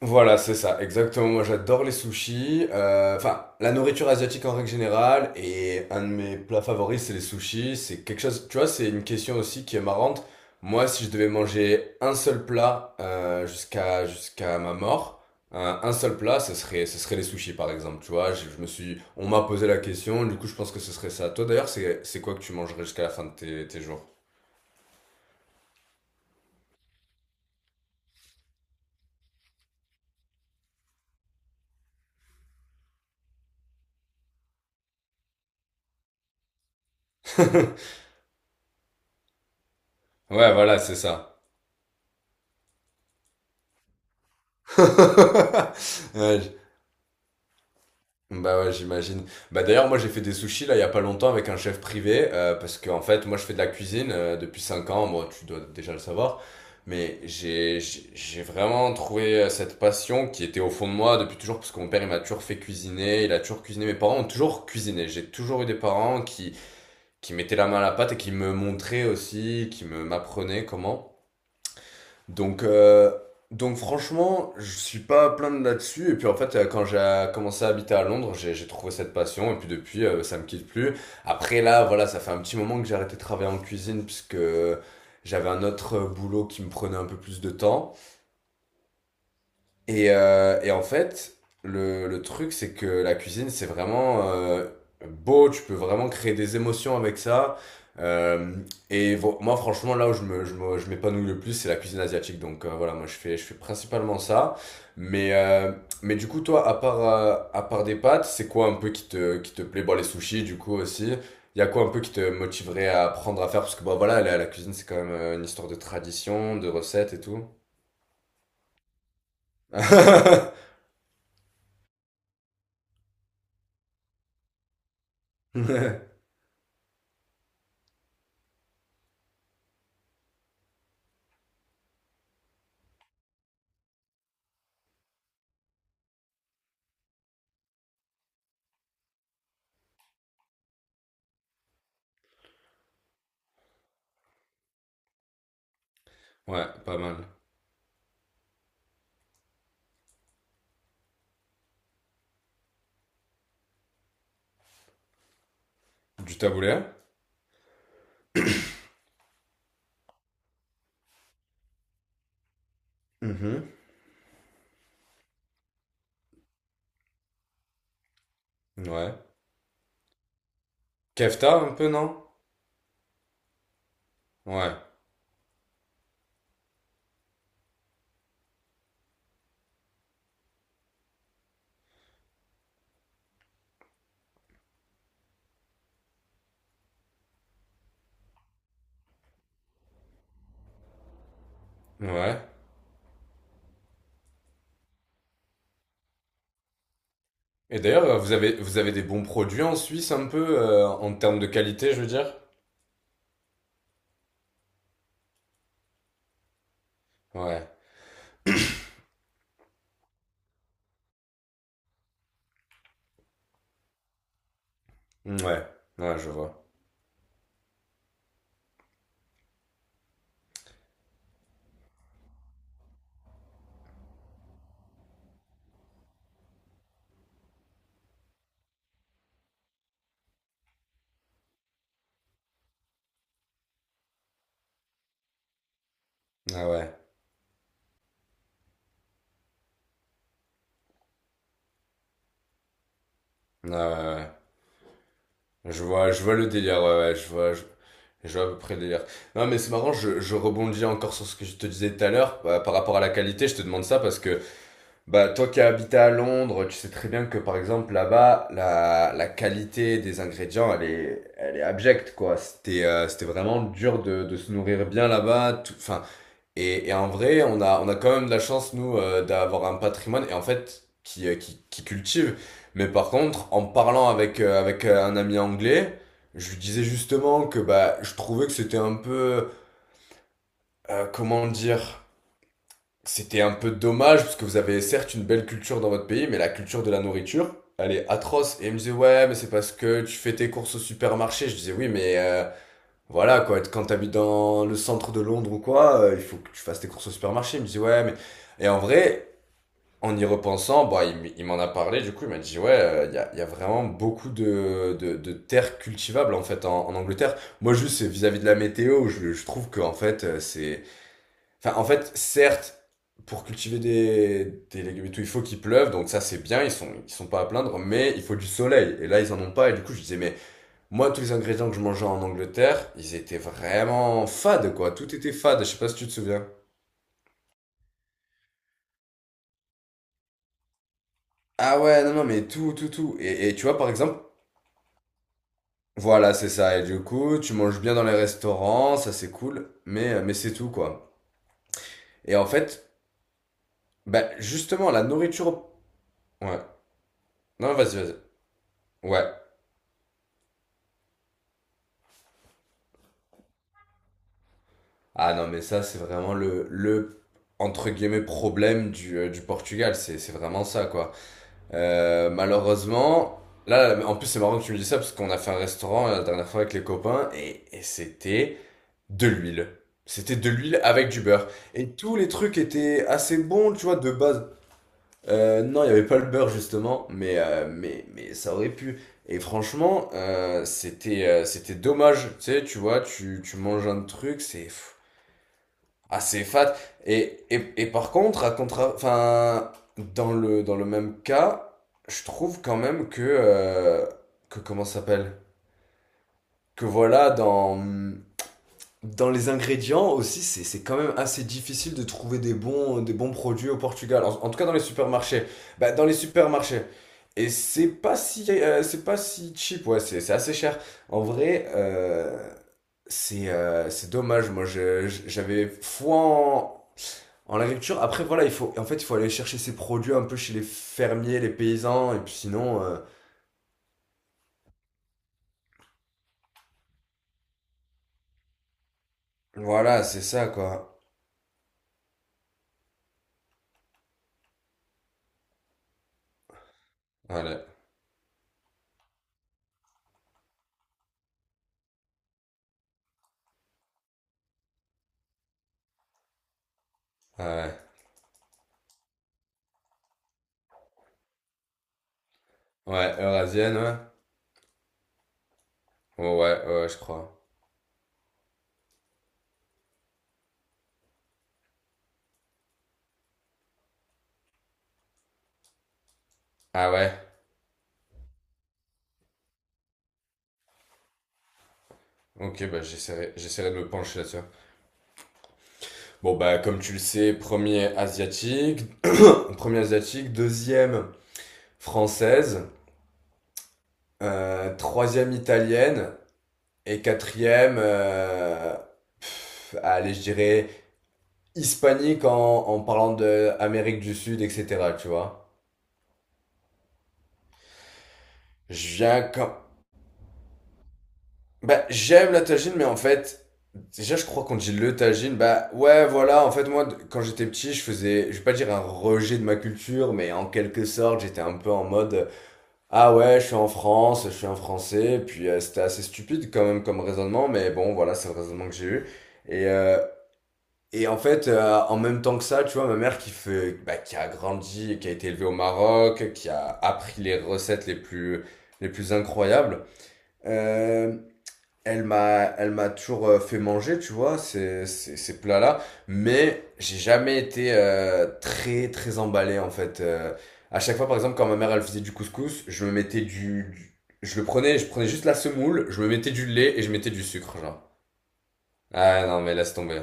Voilà, c'est ça, exactement. Moi, j'adore les sushis. Enfin, la nourriture asiatique en règle générale. Et un de mes plats favoris, c'est les sushis. C'est quelque chose, tu vois, c'est une question aussi qui est marrante. Moi, si je devais manger un seul plat jusqu'à ma mort, un seul plat, ce serait les sushis, par exemple. Tu vois, je me suis, on m'a posé la question. Du coup, je pense que ce serait ça. Toi, d'ailleurs, c'est quoi que tu mangerais jusqu'à la fin de tes jours? Ouais, voilà, c'est ça. Ouais, bah ouais, j'imagine. Bah d'ailleurs, moi j'ai fait des sushis là il y a pas longtemps avec un chef privé parce que en fait, moi je fais de la cuisine depuis 5 ans, moi tu dois déjà le savoir, mais j'ai vraiment trouvé cette passion qui était au fond de moi depuis toujours parce que mon père il m'a toujours fait cuisiner, il a toujours cuisiné, mes parents ont toujours cuisiné. J'ai toujours eu des parents qui mettaient la main à la pâte et qui me montraient aussi, qui me m'apprenaient comment. Donc, euh, donc franchement, je suis pas à plaindre là-dessus. Et puis en fait, quand j'ai commencé à habiter à Londres, j'ai trouvé cette passion. Et puis depuis, ça me quitte plus. Après là, voilà, ça fait un petit moment que j'ai arrêté de travailler en cuisine puisque j'avais un autre boulot qui me prenait un peu plus de temps. Et en fait, le truc, c'est que la cuisine, c'est vraiment beau, tu peux vraiment créer des émotions avec ça. Euh, Moi, franchement, là où je m'épanouis le plus, c'est la cuisine asiatique. Donc voilà, moi, je fais principalement ça. Mais, euh, mais du coup, toi, à part des pâtes, c'est quoi un peu qui te plaît? Bon, les sushis, du coup, aussi. Il y a quoi un peu qui te motiverait à apprendre à faire? Parce que bah, voilà, la cuisine, c'est quand même une histoire de tradition, de recettes et tout. Ouais, pas mal. Du taboulé. Mhm. Ouais. Kefta, un peu, non? Ouais. Ouais. Et d'ailleurs, vous avez des bons produits en Suisse, un peu, en termes de qualité, je veux dire? Ouais. Mm, ouais. Ouais, je vois. Ah ouais. Ah ouais, ouais. Ouais. Je vois le délire, ouais, ouais, je vois, je vois à peu près le délire. Non, mais c'est marrant, je rebondis encore sur ce que je te disais tout à l'heure, par rapport à la qualité, je te demande ça parce que bah, toi qui as habité à Londres, tu sais très bien que par exemple là-bas, la qualité des ingrédients, elle est abjecte quoi. C'était vraiment dur de se nourrir bien là-bas. Enfin, et en vrai, on a quand même de la chance nous d'avoir un patrimoine et en fait qui cultive. Mais par contre, en parlant avec, un ami anglais, je lui disais justement que bah, je trouvais que c'était un peu, comment dire? C'était un peu dommage parce que vous avez certes une belle culture dans votre pays, mais la culture de la nourriture, elle est atroce. Et il me disait, ouais, mais c'est parce que tu fais tes courses au supermarché. Je disais, oui, mais voilà, quoi, quand t'habites dans le centre de Londres ou quoi, il faut que tu fasses tes courses au supermarché. Il me disait ouais, mais. Et en vrai, en y repensant, bah, il m'en a parlé, du coup, il m'a dit, ouais, y a vraiment beaucoup de terres cultivables, en fait, en Angleterre. Moi, juste, c'est vis-à-vis de la météo, je trouve que, en fait, c'est enfin, en fait, certes, pour cultiver des légumes et tout, il faut qu'il pleuve, donc ça c'est bien, ils sont pas à plaindre, mais il faut du soleil. Et là, ils en ont pas, et du coup, je disais, mais moi, tous les ingrédients que je mangeais en Angleterre, ils étaient vraiment fades, quoi. Tout était fade, je sais pas si tu te souviens. Ah ouais, non, non, mais tout, tout, tout. Et tu vois, par exemple, voilà, c'est ça. Et du coup, tu manges bien dans les restaurants, ça c'est cool, mais c'est tout, quoi. Et en fait, bah, justement, la nourriture. Ouais. Non, vas-y, vas-y. Ouais. Ah non, mais ça, c'est vraiment le entre guillemets, problème du Portugal. C'est vraiment ça, quoi. Malheureusement, là, en plus, c'est marrant que tu me dis ça parce qu'on a fait un restaurant la dernière fois avec les copains et c'était de l'huile. C'était de l'huile avec du beurre. Et tous les trucs étaient assez bons, tu vois, de base. Non, il n'y avait pas le beurre, justement, mais ça aurait pu. Et franchement, c'était dommage. Tu sais, tu vois, tu manges un truc, c'est assez fat. Et par contre, enfin, dans le même cas, je trouve quand même que comment ça s'appelle? Que voilà, dans les ingrédients aussi, c'est quand même assez difficile de trouver des bons produits au Portugal. En tout cas, dans les supermarchés. Bah, dans les supermarchés. Et c'est pas si cheap, ouais, c'est assez cher. En vrai, c'est dommage. Moi, j'avais foi en agriculture, après voilà, il faut aller chercher ses produits un peu chez les fermiers, les paysans, et puis sinon, voilà, c'est ça quoi. Allez, ouais, ouais, eurasienne, ouais. Oh, ouais, ouais, ouais, je crois. Ah ouais. Ok, bah j'essaierai de me pencher là-dessus. Bon bah comme tu le sais, premier asiatique, deuxième française, troisième italienne et quatrième, pff, allez je dirais hispanique en parlant de Amérique du Sud, etc. Tu vois. Je viens comme. Bah, j'aime la tagine, mais en fait, déjà, je crois qu'on dit le tagine. Bah, ouais, voilà, en fait, moi, quand j'étais petit, je faisais, je vais pas dire un rejet de ma culture, mais en quelque sorte, j'étais un peu en mode, ah ouais, je suis en France, je suis un Français, puis c'était assez stupide quand même comme raisonnement, mais bon, voilà, c'est le raisonnement que j'ai eu. Et, euh, Et en fait, en même temps que ça, tu vois, ma mère qui fait, bah, qui a grandi, et qui a été élevée au Maroc, qui a appris les recettes les plus incroyables, euh, elle m'a toujours fait manger, tu vois, ces plats-là. Mais j'ai jamais été très, très emballé, en fait. À chaque fois, par exemple, quand ma mère, elle faisait du couscous, je me mettais du- je le prenais, je prenais juste la semoule, je me mettais du lait et je mettais du sucre, genre. Ah non, mais laisse tomber.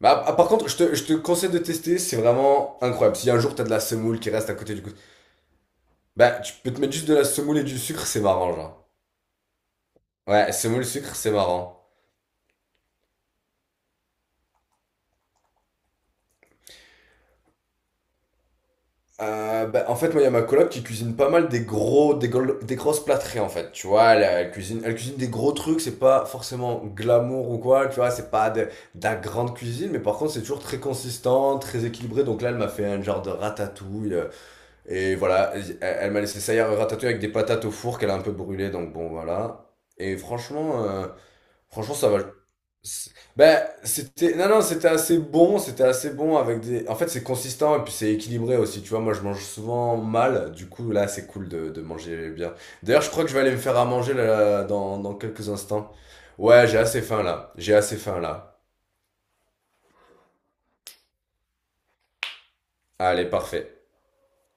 Bah, ah, par contre, je te conseille de tester, c'est vraiment incroyable. Si un jour t'as de la semoule qui reste à côté du coup, bah tu peux te mettre juste de la semoule et du sucre, c'est marrant, genre. Ouais, semoule, sucre, c'est marrant. Bah, en fait, moi, il y a ma coloc qui cuisine pas mal des grosses plâtrées, en fait. Tu vois, elle, elle cuisine des gros trucs, c'est pas forcément glamour ou quoi, tu vois, c'est pas de la grande cuisine, mais par contre, c'est toujours très consistant, très équilibré. Donc là, elle m'a fait un genre de ratatouille. Et voilà, elle, elle m'a laissé ça hier ratatouille avec des patates au four qu'elle a un peu brûlées, donc bon, voilà. Et franchement, ça va. Ben, c'était, non, non, c'était assez bon avec des. En fait, c'est consistant et puis c'est équilibré aussi, tu vois. Moi, je mange souvent mal, du coup, là, c'est cool de manger bien. D'ailleurs, je crois que je vais aller me faire à manger là, dans quelques instants. Ouais, j'ai assez faim là, j'ai assez faim là. Allez, parfait.